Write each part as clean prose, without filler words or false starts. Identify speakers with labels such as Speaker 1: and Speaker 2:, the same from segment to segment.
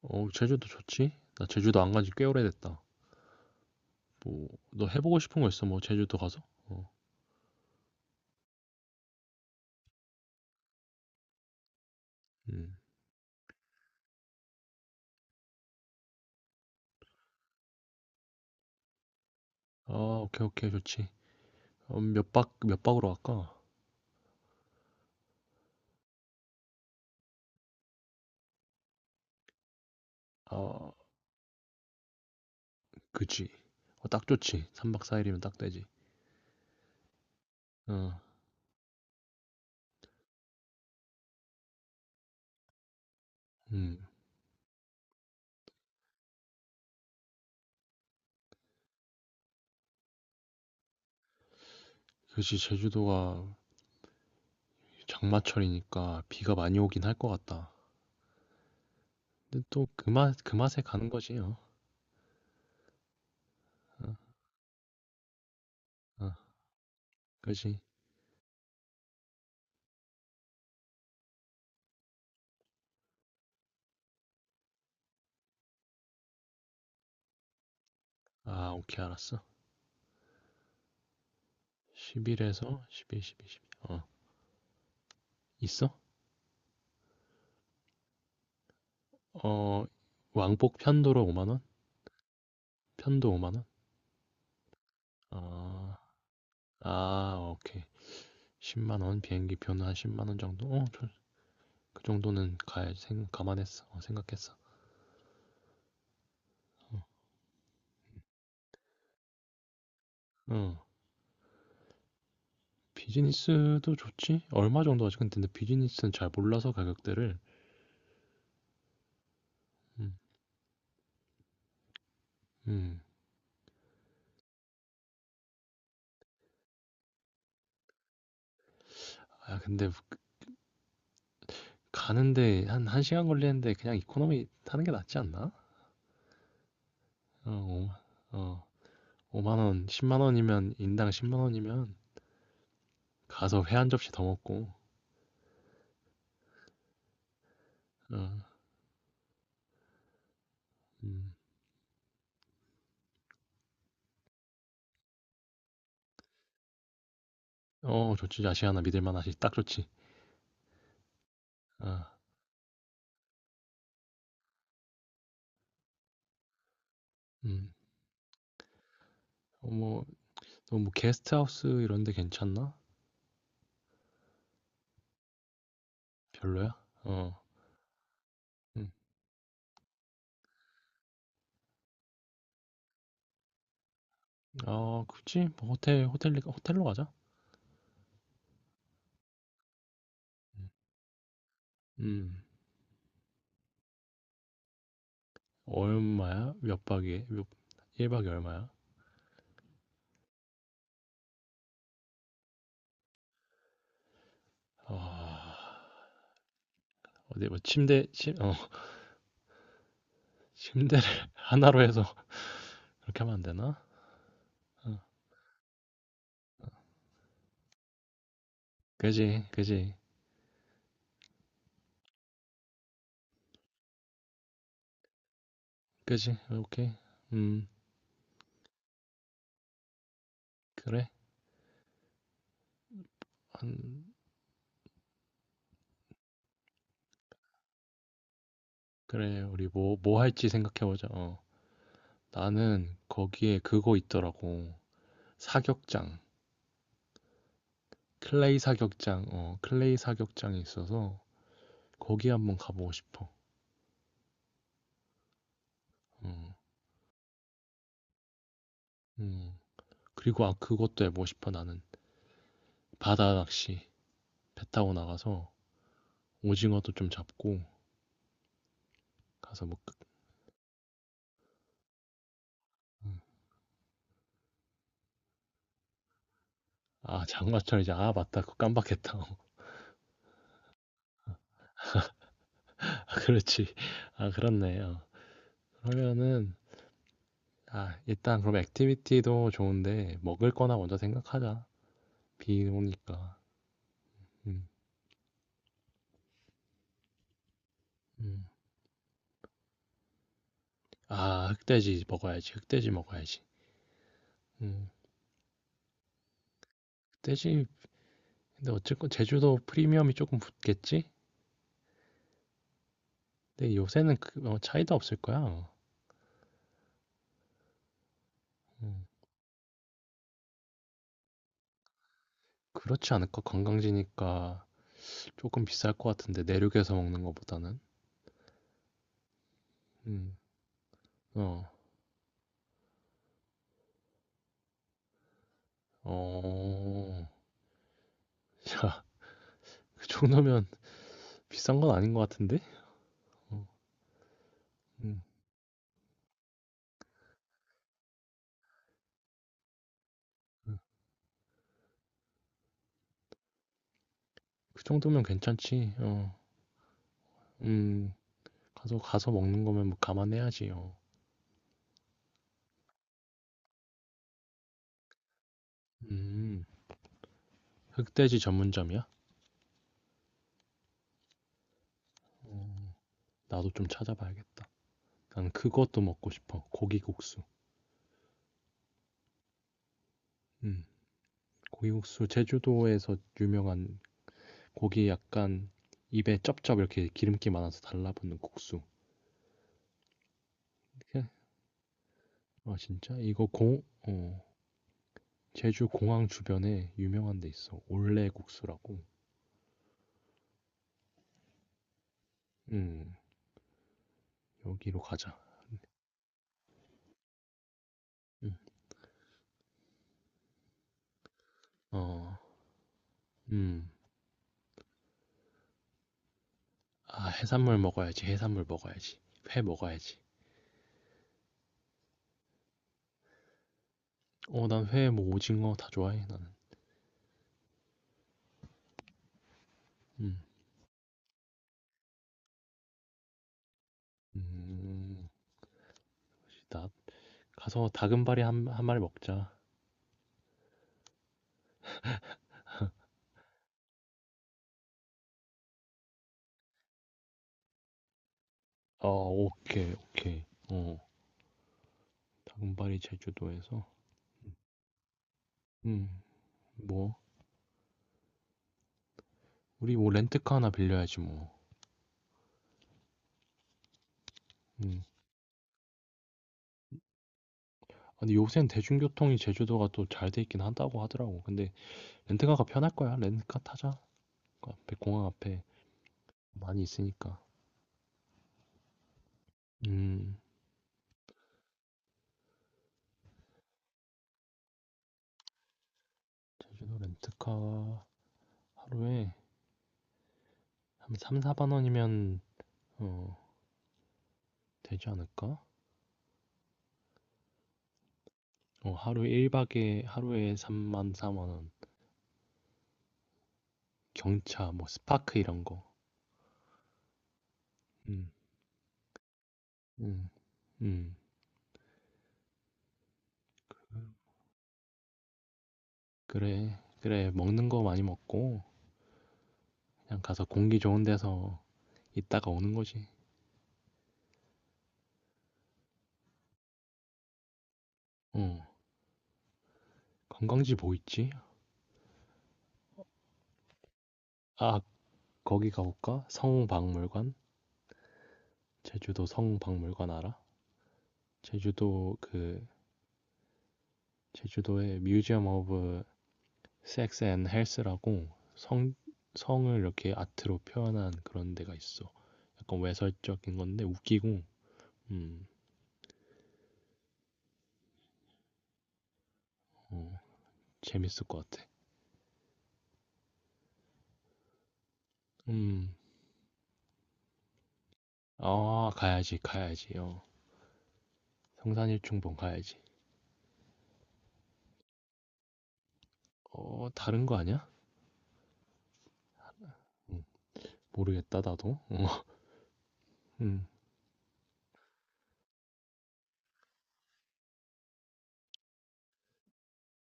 Speaker 1: 어, 제주도 좋지? 나 제주도 안 간지 꽤 오래됐다. 뭐, 너 해보고 싶은 거 있어? 뭐, 제주도 가서? 어, 음. 아, 오케이, 오케이, 좋지. 어, 몇 박으로 갈까? 아, 그치. 어, 딱 좋지. 3박 4일이면 딱 되지. 어, 음. 그치, 제주도가 장마철이니까 비가 많이 오긴 할 것 같다. 근데 또 그 맛에 가는 거지, 어. 어, 어, 그치. 아, 오케이, 알았어. 1일에서 11, 12, 12. 어, 있어? 어, 왕복 편도로 5만 원? 편도 5만 원? 아, 아, 오케이. 10만 원 비행기 표는 한 10만 원 정도? 어, 그 정도는 가야 생 감안했어. 어, 생각했어. 어, 어. 비즈니스도 좋지? 얼마 정도 하지? 근데 비즈니스는 잘 몰라서 가격대를. 음, 음. 아, 근데 그, 가는데 한 1시간 걸리는데 그냥 이코노미 타는 게 낫지 않나? 어, 5, 어, 5만 원, 10만 원이면 인당 10만 원이면 가서 회 한 접시 더 먹고. 어, 음. 어, 좋지. 아시아나 믿을 만하지. 딱 좋지. 아, 음. 어, 뭐, 너뭐 게스트하우스 이런 데 괜찮나? 별로야? 어, 음. 아, 굳이 뭐 호텔로 가자. 음, 음. 얼마야? 몇 박에? 1박에 얼마야? 아, 어디 뭐 침대를 하나로 해서 그렇게 하면 안 되나? 어, 그지, 그지, 그지, 오케이. 음, 그래. 한, 그래, 우리 뭐 할지 생각해보자. 어, 나는 거기에 그거 있더라고. 사격장. 클레이 사격장이 있어서 거기 한번 가보고 싶어. 음, 음. 그리고 아, 그것도 해보고 싶어, 나는. 바다 낚시. 배 타고 나가서 오징어도 좀 잡고 가서 뭐, 음. 아, 장마철이지. 아, 맞다. 그거 깜빡했다. 아, 그렇지. 아, 그렇네. 어. 그러면은, 아, 일단 그럼 액티비티도 좋은데 먹을 거나 먼저 생각하자. 비 오니까. 음, 음. 아, 흑돼지 먹어야지. 흑돼지 먹어야지. 음. 흑돼지 근데 어쨌건 제주도 프리미엄이 조금 붙겠지? 근데 요새는 차이도 없을 거야. 음, 그렇지 않을까? 관광지니까 조금 비쌀 것 같은데 내륙에서 먹는 것보다는. 음, 어, 어, 야, 그 정도면 비싼 건 아닌 것 같은데? 어, 음, 음. 그 정도면 괜찮지. 어, 음, 가서 먹는 거면 뭐 감안해야지. 어, 음, 흑돼지 전문점이야? 나도 좀 찾아봐야겠다. 난 그것도 먹고 싶어. 고기국수. 음. 고기국수 제주도에서 유명한 고기 약간 입에 쩝쩝 이렇게 기름기 많아서 달라붙는 국수. 이게- 아 진짜? 어, 제주 공항 주변에 유명한 데 있어. 올레국수라고. 음 여기로 가자. 음, 어, 음. 아 해산물 먹어야지. 해산물 먹어야지. 회 먹어야지. 어, 난 회, 뭐 오징어 다 좋아해 나는. 음, 음, 나 가서 다금바리 한 마리 먹자. 어, 오케이, 오케이. 어. 단발이 제주도에서? 음, 뭐, 우리 뭐 렌트카 하나 빌려야지 뭐. 음. 아, 근데 요새는 대중교통이 제주도가 또 잘 돼 있긴 한다고 하더라고. 근데 렌트카가 편할 거야. 렌트카 타자. 그 앞에 공항 앞에 많이 있으니까. 음, 제주도 렌트카 하루에 한 3, 4만 원이면 어, 되지 않을까? 어, 하루에 1박에 하루에 3만, 4만 원. 경차, 뭐 스파크 이런 거. 음, 음, 음. 그래, 그래. 먹는 거 많이 먹고 그냥 가서 공기 좋은 데서 있다가 오는 거지. 응. 관광지 뭐 있지? 아, 거기 가볼까? 성박물관? 제주도 성박물관 알아? 제주도 그 제주도에 뮤지엄 오브 섹스 앤 헬스라고 성 성을 이렇게 아트로 표현한 그런 데가 있어. 약간 외설적인 건데 웃기고 음, 어, 재밌을 것 같아. 음. 아, 가야지, 가야지. 어. 성산일충봉 가야지. 어, 다른 거 아니야? 음, 모르겠다, 나도. 어, 음,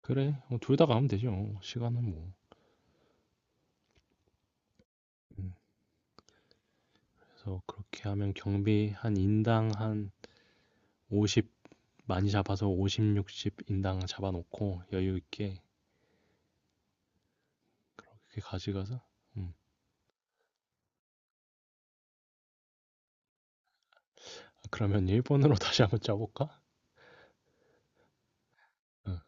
Speaker 1: 그래. 어, 둘 다 가면 되죠. 어, 시간은 뭐. 음, 그래서 그렇게 하면 경비 한 인당 한 50, 많이 잡아서 50, 60 인당 잡아놓고 여유 있게 그렇게 가져가서. 음, 아, 그러면 일본으로 다시 한번 짜볼까? 응,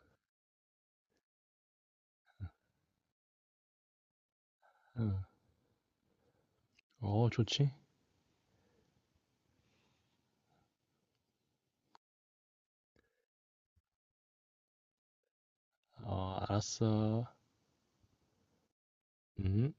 Speaker 1: 응. 어, 어, 좋지. 어, 알았어. 음.